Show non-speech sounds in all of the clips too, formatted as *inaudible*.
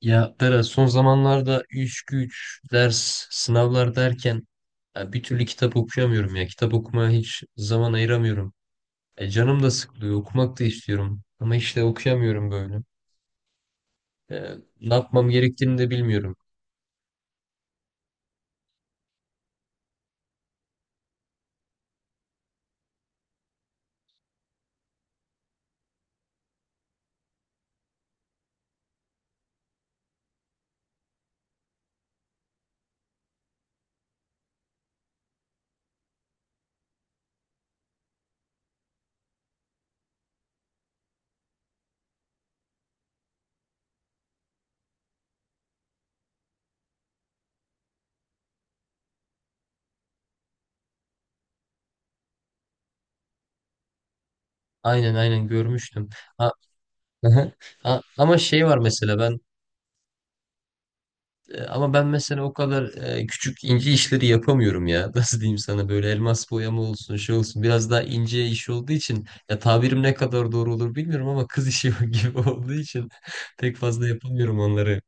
Ya Berat, son zamanlarda iş güç, ders, sınavlar derken ya bir türlü kitap okuyamıyorum ya. Kitap okumaya hiç zaman ayıramıyorum. Canım da sıkılıyor, okumak da istiyorum. Ama işte okuyamıyorum böyle. E, Ne yapmam gerektiğini de bilmiyorum. Aynen, aynen, görmüştüm. Ha. *laughs* Ha, ama şey var mesela ben ama ben mesela o kadar küçük ince işleri yapamıyorum ya. *laughs* Nasıl diyeyim sana, böyle elmas boyama olsun şey olsun, biraz daha ince iş olduğu için, ya tabirim ne kadar doğru olur bilmiyorum ama kız işi *laughs* gibi olduğu için pek fazla yapamıyorum onları.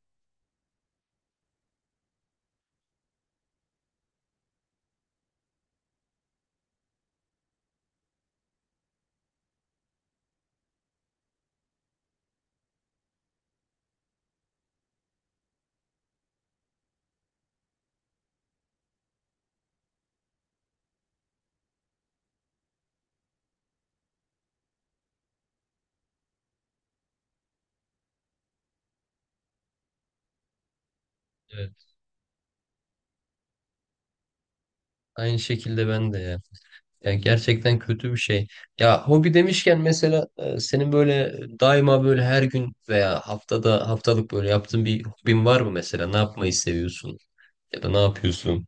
Evet. Aynı şekilde ben de ya. Yani gerçekten kötü bir şey. Ya hobi demişken, mesela, senin böyle daima, böyle her gün veya haftada, haftalık böyle yaptığın bir hobin var mı mesela? Ne yapmayı seviyorsun ya da ne yapıyorsun?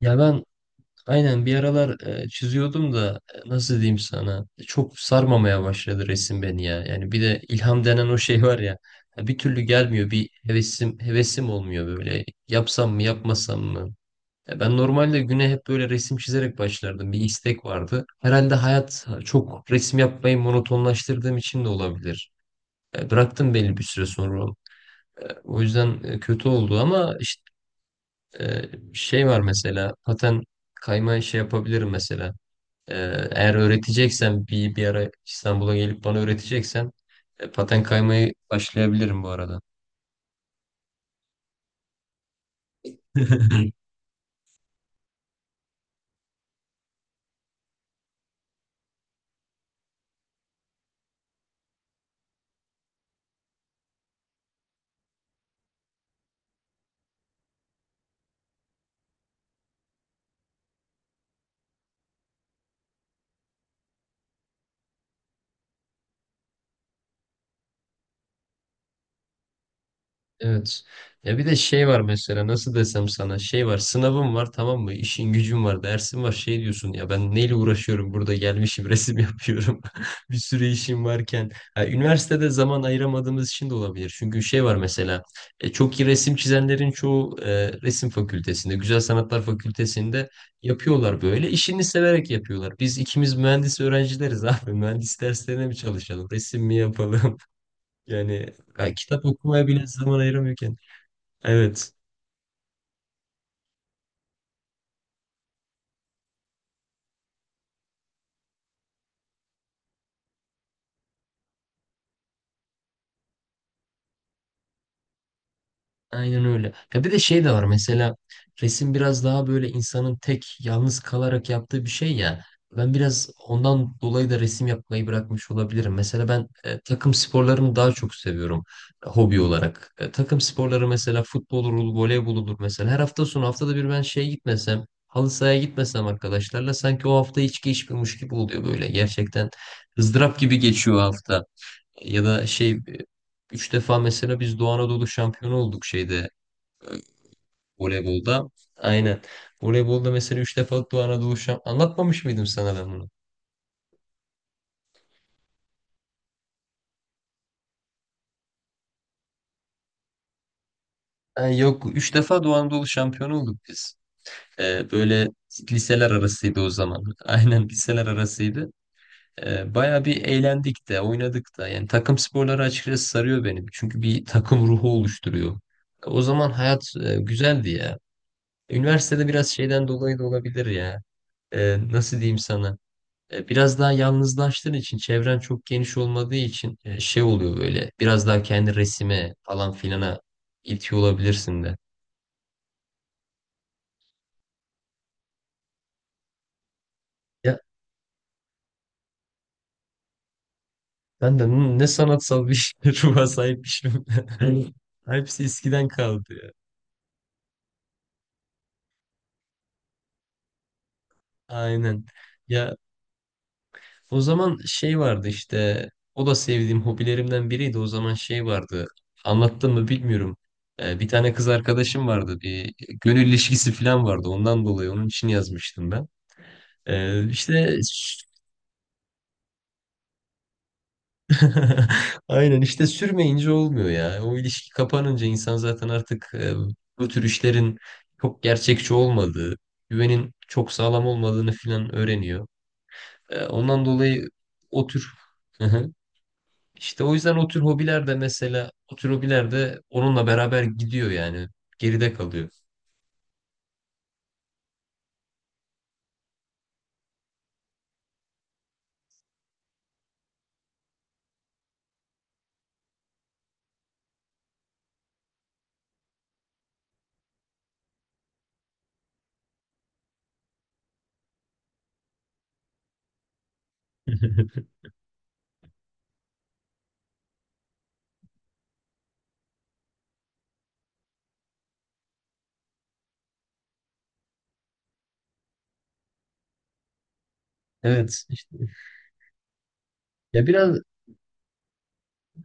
Ya ben, aynen, bir aralar çiziyordum da, nasıl diyeyim sana, çok sarmamaya başladı resim beni ya. Yani bir de ilham denen o şey var ya, ya bir türlü gelmiyor, bir hevesim olmuyor böyle, yapsam mı yapmasam mı? Ya ben normalde güne hep böyle resim çizerek başlardım, bir istek vardı. Herhalde hayat çok, resim yapmayı monotonlaştırdığım için de olabilir. Bıraktım belli bir süre sonra. O yüzden kötü oldu ama işte, e, şey var mesela paten kayma şey yapabilirim mesela. Ee, Eğer öğreteceksen, bir ara İstanbul'a gelip bana öğreteceksen, paten kaymayı başlayabilirim bu arada. *laughs* Evet. Ya bir de şey var mesela, nasıl desem sana, şey var, sınavım var, tamam mı, işin gücün var, dersin var, şey diyorsun ya, ben neyle uğraşıyorum burada, gelmişim resim *laughs* yapıyorum *laughs* bir sürü işim varken. Ha, üniversitede zaman ayıramadığımız için de olabilir, çünkü şey var mesela, çok iyi resim çizenlerin çoğu resim fakültesinde, Güzel Sanatlar Fakültesinde yapıyorlar, böyle işini severek yapıyorlar. Biz ikimiz mühendis öğrencileriz abi, *laughs* mühendis derslerine mi çalışalım, resim mi yapalım *laughs* yani, ya kitap okumaya bile zaman ayıramıyorken. Evet. Aynen öyle. Ya bir de şey de var mesela, resim biraz daha böyle insanın tek, yalnız kalarak yaptığı bir şey ya. Ben biraz ondan dolayı da resim yapmayı bırakmış olabilirim. Mesela ben takım sporlarını daha çok seviyorum hobi olarak. Takım sporları, mesela futbol olur, voleybol olur mesela. Her hafta sonu, haftada bir ben şeye gitmesem, halı sahaya gitmesem arkadaşlarla, sanki o hafta hiç geçmiyormuş gibi oluyor böyle. Gerçekten ızdırap gibi geçiyor o hafta. Ya da şey, üç defa mesela biz Doğu Anadolu şampiyonu olduk şeyde, voleybolda. Aynen. Voleybolda mesela, üç defa Doğu Anadolu şampiyonu. Anlatmamış mıydım sana ben bunu? Ay yok. Üç defa Doğu Anadolu şampiyonu olduk biz. Böyle liseler arasıydı o zaman. *laughs* Aynen, liseler arasıydı. Baya bir eğlendik de, oynadık da. Yani takım sporları açıkçası sarıyor benim. Çünkü bir takım ruhu oluşturuyor. O zaman hayat güzeldi ya. Üniversitede biraz şeyden dolayı da olabilir ya. Nasıl diyeyim sana? Biraz daha yalnızlaştığın için, çevren çok geniş olmadığı için şey oluyor böyle, biraz daha kendi resime falan filana itiyor olabilirsin de. Ya ben de ne sanatsal bir *laughs* ruha sahipmişim. *laughs* Hepsi eskiden kaldı ya. Aynen. Ya o zaman şey vardı işte, o da sevdiğim hobilerimden biriydi. O zaman şey vardı, anlattım mı bilmiyorum. Bir tane kız arkadaşım vardı, bir gönül ilişkisi falan vardı, ondan dolayı onun için yazmıştım ben. İşte *laughs* Aynen işte, sürmeyince olmuyor ya. O ilişki kapanınca insan zaten artık bu tür işlerin çok gerçekçi olmadığı, güvenin çok sağlam olmadığını filan öğreniyor. Ondan dolayı o tür, hı hı, işte o yüzden o tür hobiler de, mesela o tür hobiler de onunla beraber gidiyor yani, geride kalıyor. *laughs* Evet, işte. Ya biraz,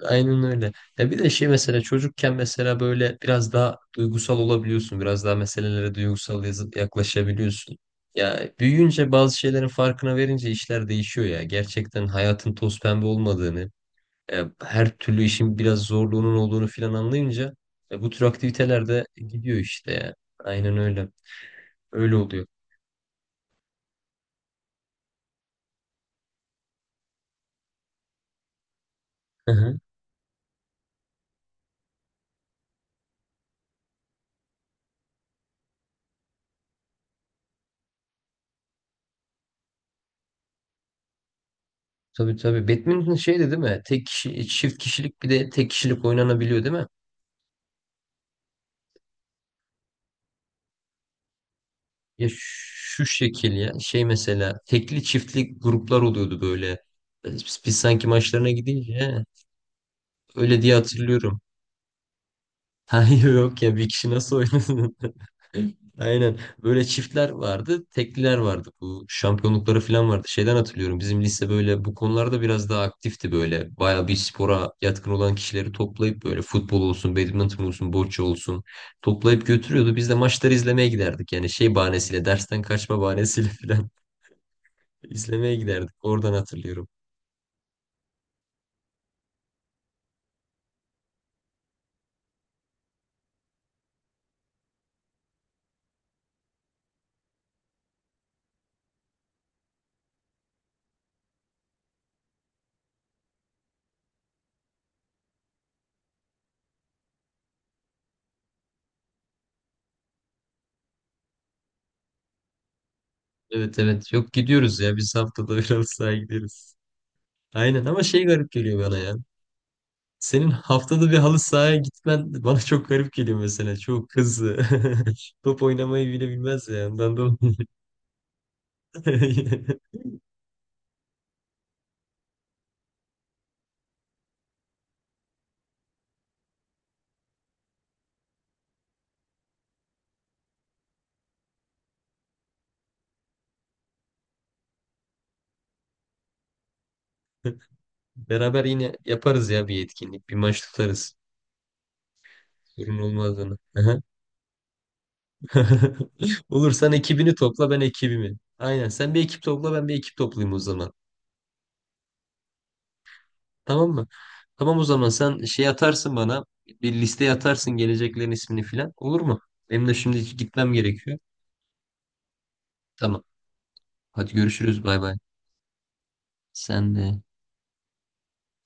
aynen öyle. Ya bir de şey, mesela çocukken mesela böyle biraz daha duygusal olabiliyorsun. Biraz daha meselelere duygusal yaklaşabiliyorsun. Ya büyüyünce bazı şeylerin farkına verince işler değişiyor ya. Gerçekten hayatın toz pembe olmadığını, her türlü işin biraz zorluğunun olduğunu filan anlayınca bu tür aktiviteler de gidiyor işte ya. Aynen öyle. Öyle oluyor. Hı hı. Tabii, tabii. Badminton şeydi değil mi? Tek kişi, çift kişilik, bir de tek kişilik oynanabiliyor değil mi? Ya şu şekil, ya şey, mesela tekli çiftli gruplar oluyordu böyle. Biz sanki maçlarına gidince, he, öyle diye hatırlıyorum. *laughs* Hayır, yok ya, bir kişi nasıl oynasın? *laughs* Aynen, böyle çiftler vardı, tekliler vardı, bu şampiyonlukları falan vardı. Şeyden hatırlıyorum, bizim lise böyle bu konularda biraz daha aktifti, böyle baya bir spora yatkın olan kişileri toplayıp, böyle futbol olsun, badminton olsun, bocce olsun, toplayıp götürüyordu. Biz de maçları izlemeye giderdik, yani şey bahanesiyle, dersten kaçma bahanesiyle *laughs* İzlemeye giderdik. Oradan hatırlıyorum. Evet, evet. Yok, gidiyoruz ya. Biz haftada bir halı sahaya gideriz. Aynen, ama şey garip geliyor bana ya. Senin haftada bir halı sahaya gitmen bana çok garip geliyor mesela. Çok hızlı. *laughs* Top oynamayı bile bilmez ya. Ondan dolayı. *laughs* Beraber yine yaparız ya bir etkinlik. Bir maç tutarız. Sorun olmadığını. *laughs* Olur, sen ekibini topla, ben ekibimi. Aynen, sen bir ekip topla, ben bir ekip toplayayım o zaman. Tamam mı? Tamam, o zaman sen şey atarsın bana. Bir liste atarsın, geleceklerin ismini filan. Olur mu? Benim de şimdi gitmem gerekiyor. Tamam. Hadi görüşürüz. Bay bay. Sen de.